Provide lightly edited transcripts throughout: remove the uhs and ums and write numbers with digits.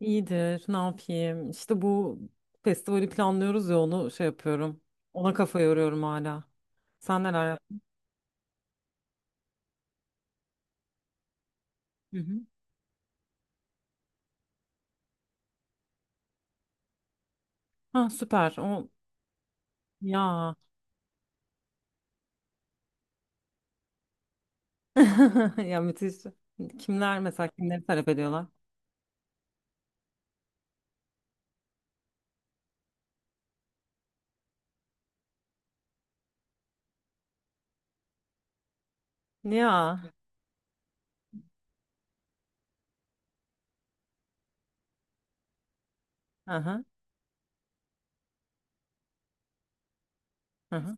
İyidir, ne yapayım? İşte bu festivali planlıyoruz ya, onu şey yapıyorum. Ona kafa yoruyorum hala. Sen neler yaptın? Hı hı. Ha, süper. O ya. Ya, müthiş. Kimler mesela, kimleri talep ediyorlar? Ya. Aha, aha.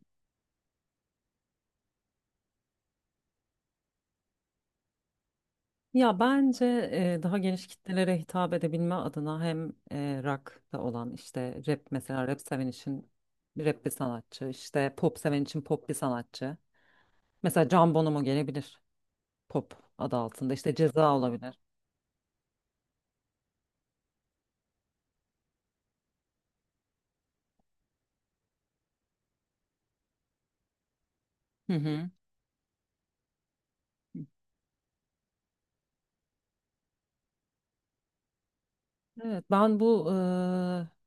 Ya bence daha geniş kitlelere hitap edebilme adına hem rock'ta olan, işte rap, mesela rap seven için rap bir sanatçı, işte pop seven için pop bir sanatçı. Mesela Can Bonomo gelebilir. Pop adı altında işte Ceza olabilir. Hı hı. Evet, ben bu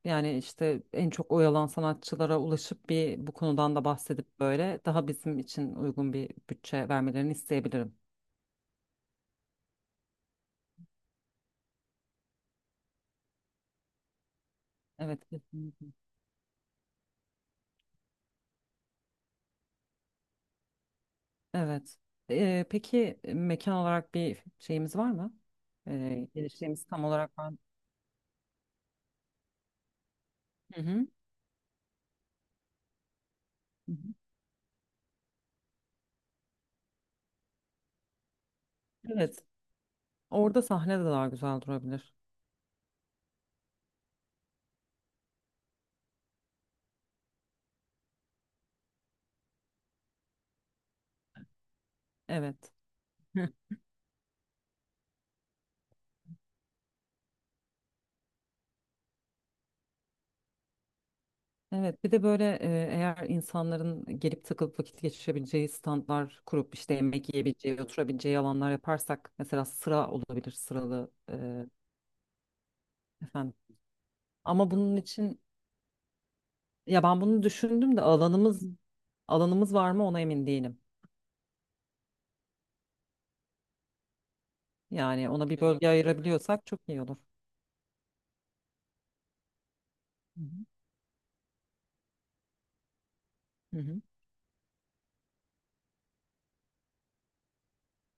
yani işte en çok oyalan sanatçılara ulaşıp bir bu konudan da bahsedip böyle daha bizim için uygun bir bütçe vermelerini isteyebilirim. Evet, kesinlikle. Evet. Peki, mekan olarak bir şeyimiz var mı? Geliştiğimiz tam olarak ben. Hı hı. Hı hı. Evet. Orada sahne de daha güzel durabilir. Evet. Evet, bir de böyle, eğer insanların gelip takılıp vakit geçirebileceği standlar kurup işte yemek yiyebileceği, oturabileceği alanlar yaparsak, mesela sıra olabilir, sıralı. Efendim? Ama bunun için, ya ben bunu düşündüm de alanımız var mı ona emin değilim. Yani ona bir bölge ayırabiliyorsak çok iyi olur. Hı hı. Hı hı.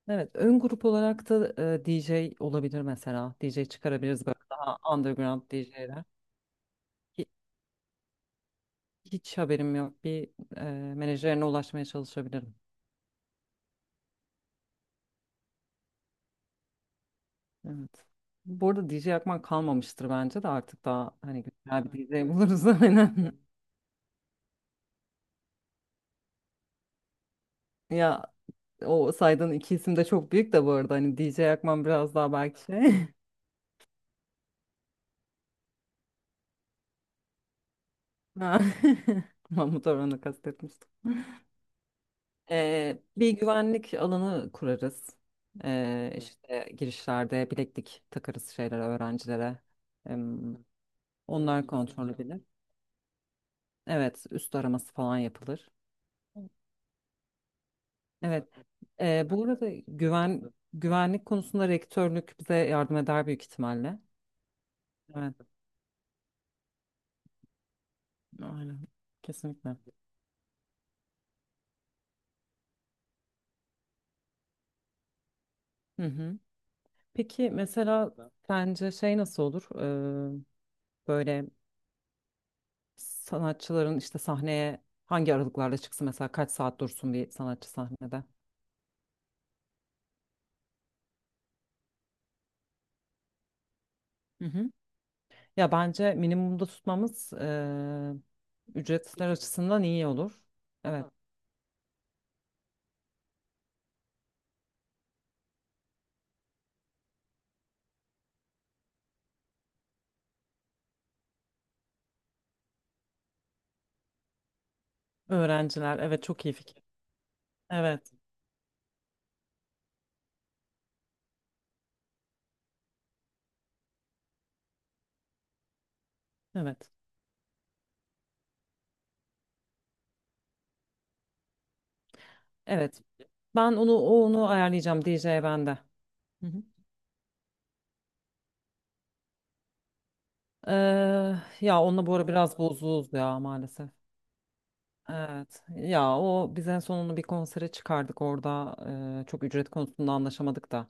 Evet, ön grup olarak da DJ olabilir mesela. DJ çıkarabiliriz, böyle daha underground DJ'ler. Hiç haberim yok. Bir menajerine ulaşmaya çalışabilirim. Evet. Bu arada DJ Akman kalmamıştır bence de, artık daha hani güzel bir DJ buluruz. Aynen. Ya, o saydığın iki isim de çok büyük de bu arada, hani DJ Akman biraz daha belki şey. Ha. Mahmut Orhan'ı kastetmiştim. Bir güvenlik alanı kurarız. İşte girişlerde bileklik takarız şeylere, öğrencilere. Em, onlar kontrol edilir. Evet, üst araması falan yapılır. Evet. Bu arada güvenlik konusunda rektörlük bize yardım eder büyük ihtimalle. Evet, aynen. Kesinlikle. Hı hı. Peki mesela sence şey nasıl olur? Ee, Böyle sanatçıların, işte sahneye hangi aralıklarla çıksın, mesela kaç saat dursun bir sanatçı sahnede? Hı hı. Ya bence minimumda tutmamız ücretler açısından iyi olur. Evet. Öğrenciler, evet, çok iyi fikir. Evet. Evet. Evet. Ben onu ayarlayacağım, DJ bende. Hı hı. Ee, Ya onunla bu ara biraz bozuğuz ya, maalesef. Evet. Ya o, biz en sonunu bir konsere çıkardık orada. Çok ücret konusunda anlaşamadık da.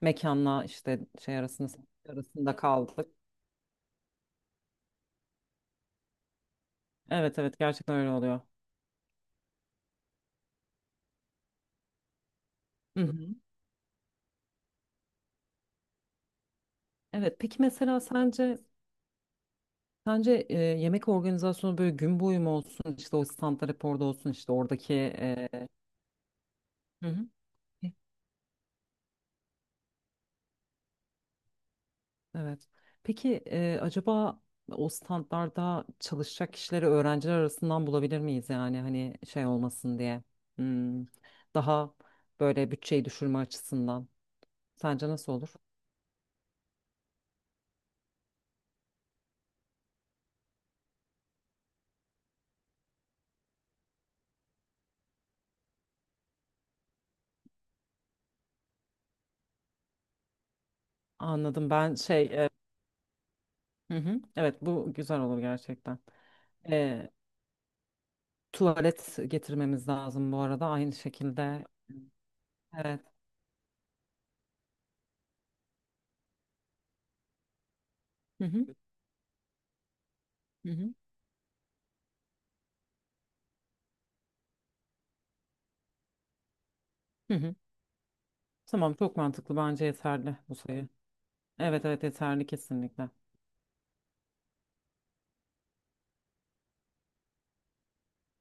Mekanla işte şey arasında kaldık. Evet, evet, gerçekten öyle oluyor. Hı hı. Evet, peki mesela sence yemek organizasyonu böyle gün boyu mu olsun, işte o standlar hep orada olsun, işte oradaki hı hı. Evet. Peki acaba o standlarda çalışacak kişileri öğrenciler arasından bulabilir miyiz, yani hani şey olmasın diye, Hmm, daha böyle bütçeyi düşürme açısından sence nasıl olur? Anladım. Ben şey hı hı, evet, bu güzel olur gerçekten. E, Tuvalet getirmemiz lazım bu arada aynı şekilde. Evet. Hı hı, hı hı, hı hı. Tamam, çok mantıklı, bence yeterli bu sayı. Evet, evet, yeterli kesinlikle.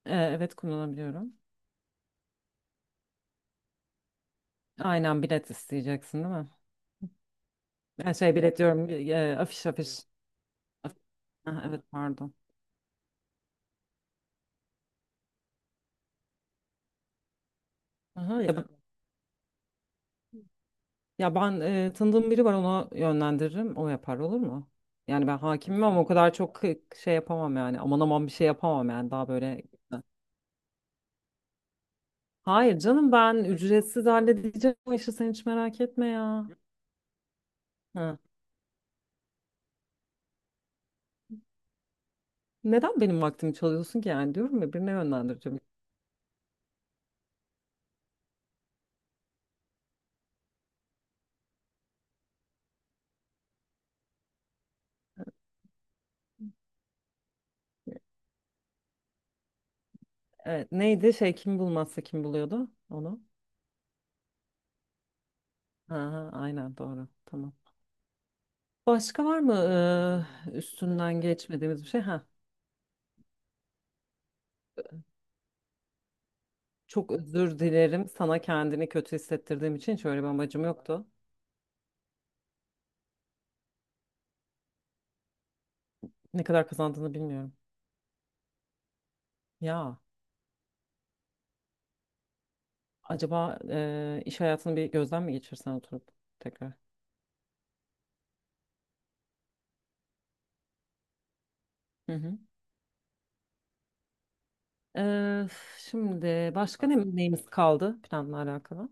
Evet, kullanabiliyorum. Aynen, bilet isteyeceksin değil mi? Yani şey bilet diyorum, afiş, afiş. Af- Ha, evet, pardon. Aha, ya, ya ben tanıdığım biri var, ona yönlendiririm. O yapar, olur mu? Yani ben hakimim ama o kadar çok şey yapamam yani. Aman aman, bir şey yapamam yani, daha böyle. Hayır canım, ben ücretsiz halledeceğim o işi, sen hiç merak etme ya. Ha. Neden benim vaktimi çalıyorsun ki yani, diyorum ya, birine yönlendireceğim. Evet, neydi şey, kim bulmazsa kim buluyordu onu? Ha, ha, aynen, doğru. Tamam. Başka var mı üstünden geçmediğimiz bir şey? Ha, çok özür dilerim. Sana kendini kötü hissettirdiğim için, şöyle bir amacım yoktu. Ne kadar kazandığını bilmiyorum. Ya acaba iş hayatını bir gözden mi geçirsen, oturup tekrar? Hı hı. Eee, şimdi başka neyimiz kaldı, planla alakalı?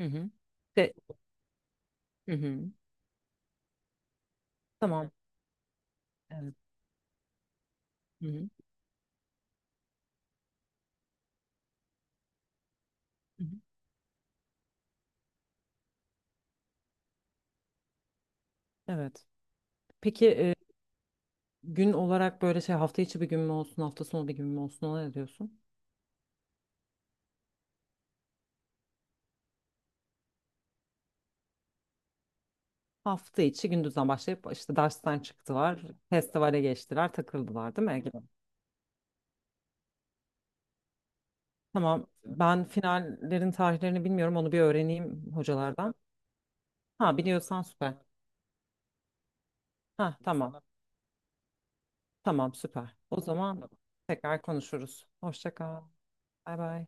Hı hı. De, hı hı. Tamam. Evet. Hı hı. Hı hı. Evet. Peki gün olarak böyle şey, hafta içi bir gün mü olsun, hafta sonu bir gün mü olsun? Ona ne diyorsun? Hafta içi, gündüzden başlayıp işte dersten çıktılar, festivale geçtiler, takıldılar, değil mi Ege? Tamam. Ben finallerin tarihlerini bilmiyorum, onu bir öğreneyim hocalardan. Ha, biliyorsan süper. Ha, tamam. Tamam, süper. O zaman tekrar konuşuruz. Hoşça kal. Bay bay.